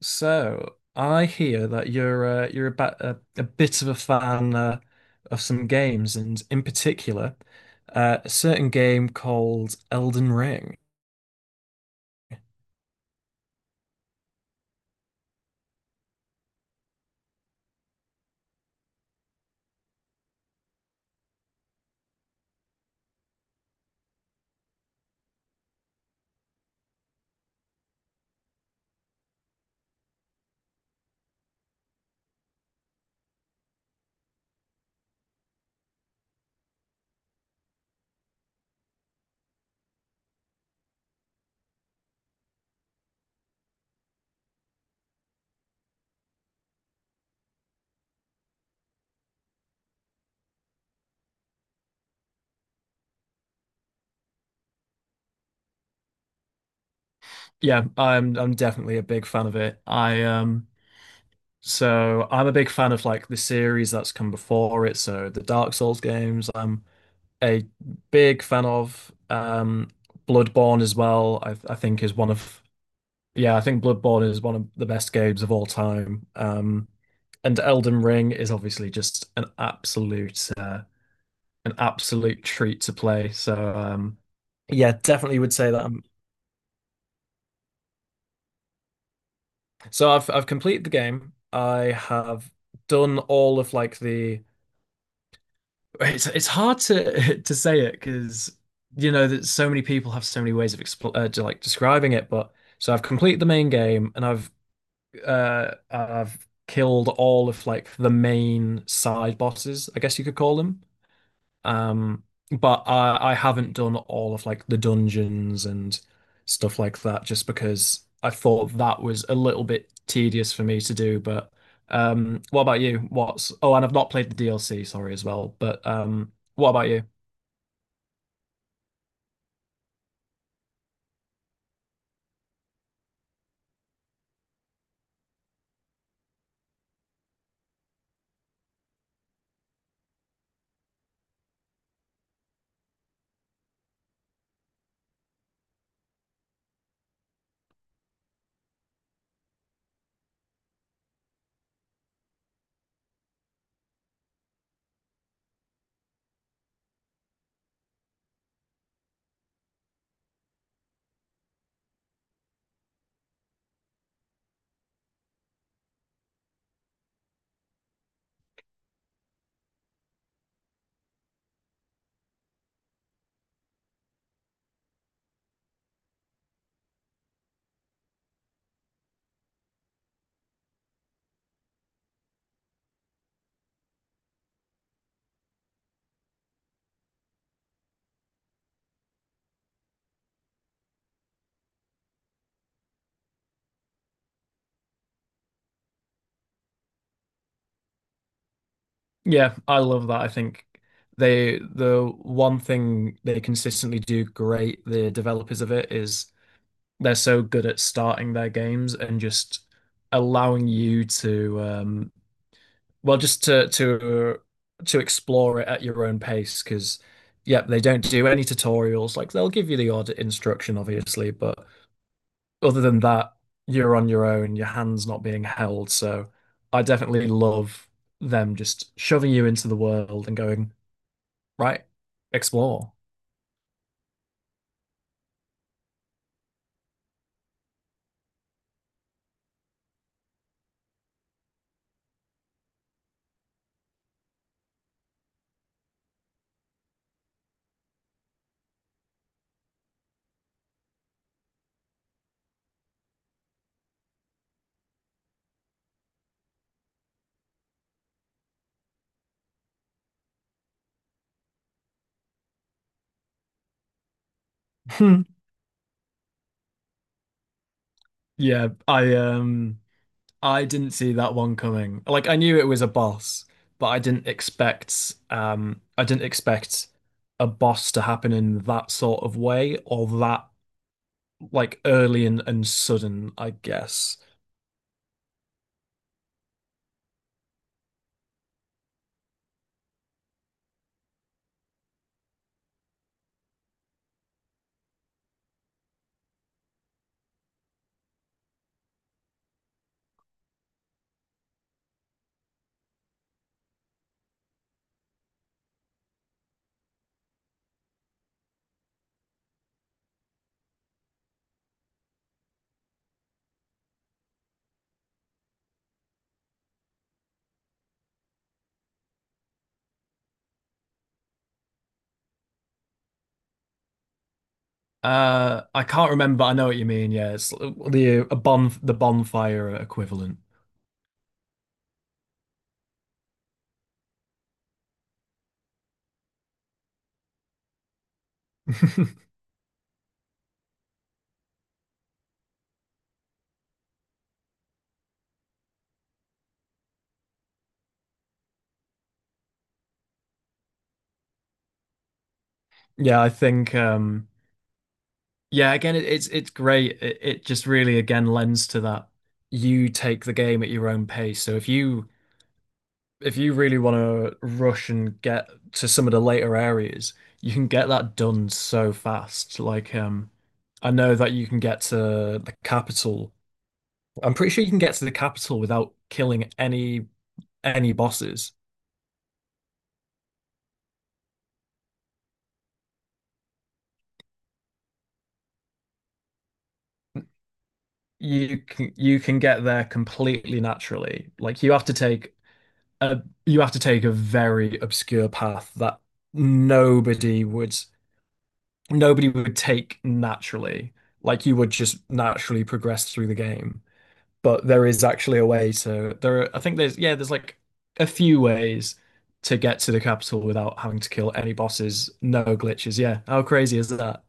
So I hear that you're about a bit of a fan of some games, and in particular, a certain game called Elden Ring. Yeah, I'm definitely a big fan of it. I so I'm a big fan of like the series that's come before it. So the Dark Souls games, I'm a big fan of Bloodborne as well. I think is one of yeah, I think Bloodborne is one of the best games of all time. And Elden Ring is obviously just an absolute treat to play. So yeah, definitely would say that. So I've completed the game. I have done all of like the. It's hard to to say it because you know that so many people have so many ways of expl to, like describing it. But so I've completed the main game and I've killed all of like the main side bosses, I guess you could call them. Um, but I haven't done all of like the dungeons and stuff like that just because I thought that was a little bit tedious for me to do. But what about you? What's oh, and I've not played the DLC, sorry as well. But what about you? Yeah, I love that. I think the one thing they consistently do great, the developers of it, is they're so good at starting their games and just allowing you to well just to explore it at your own pace because yeah, they don't do any tutorials, like they'll give you the odd instruction obviously, but other than that, you're on your own, your hands not being held. So I definitely love them just shoving you into the world and going right, explore. Yeah, I didn't see that one coming. Like I knew it was a boss, but I didn't expect a boss to happen in that sort of way or that like early and sudden, I guess. I can't remember. I know what you mean. Yeah, it's the a bon the bonfire equivalent. Yeah, I think yeah, again it's great. It just really again lends to that you take the game at your own pace. So if you really want to rush and get to some of the later areas, you can get that done so fast. Like, I know that you can get to the capital. I'm pretty sure you can get to the capital without killing any bosses. You can get there completely naturally. Like you have to take a you have to take a very obscure path that nobody would nobody would take naturally. Like you would just naturally progress through the game. But there is actually a way to there are, I think there's yeah there's like a few ways to get to the capital without having to kill any bosses, no glitches. Yeah, how crazy is that?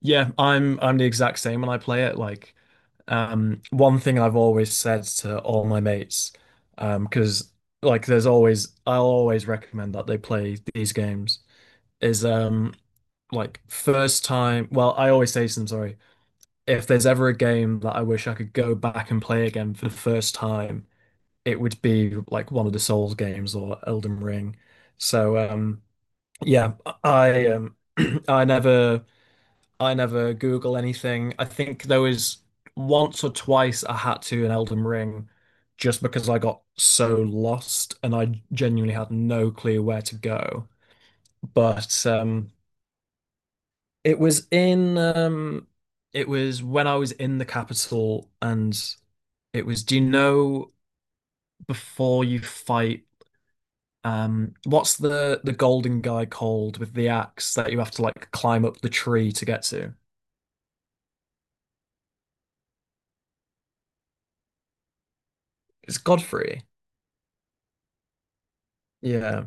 Yeah, I'm the exact same when I play it. Like, one thing I've always said to all my mates, because like there's always I'll always recommend that they play these games is like first time, well I always say to them, sorry, if there's ever a game that I wish I could go back and play again for the first time, it would be like one of the Souls games or Elden Ring. So yeah, I I never I never Google anything. I think there was once or twice I had to in Elden Ring just because I got so lost and I genuinely had no clue where to go. But it was in it was when I was in the capital and it was, do you know, before you fight what's the golden guy called with the axe that you have to like climb up the tree to get to? It's Godfrey. Yeah.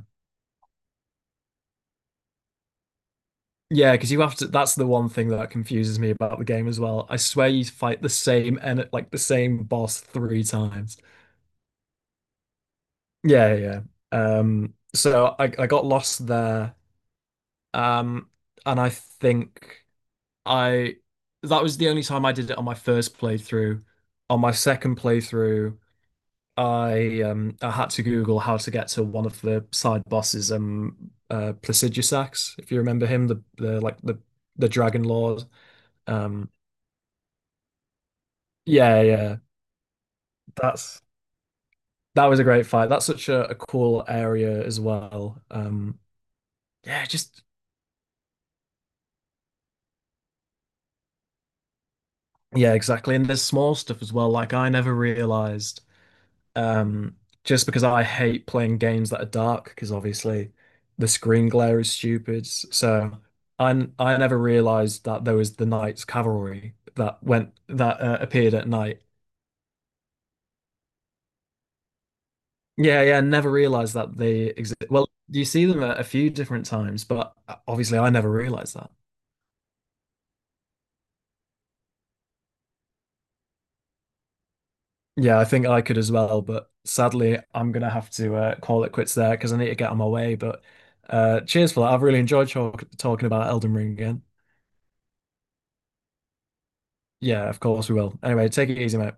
Yeah, because you have to. That's the one thing that confuses me about the game as well. I swear you fight the same and like the same boss three times. Yeah, yeah. So I got lost there. Um, and I think I that was the only time I did it on my first playthrough. On my second playthrough, I had to Google how to get to one of the side bosses, Placidusax, if you remember him, the like the Dragon Lord. Um yeah, yeah. That's that was a great fight. That's such a cool area as well. Yeah, just yeah, exactly. And there's small stuff as well. Like I never realized Um, just because I hate playing games that are dark, because obviously the screen glare is stupid. So I never realized that there was the Knights Cavalry that went that appeared at night. Yeah, yeah, never realized that they exist. Well, you see them at a few different times, but obviously I never realized that. Yeah, I think I could as well, but sadly I'm gonna have to call it quits there because I need to get on my way. But cheers for that. I've really enjoyed talking about Elden Ring again. Yeah, of course we will. Anyway, take it easy, mate.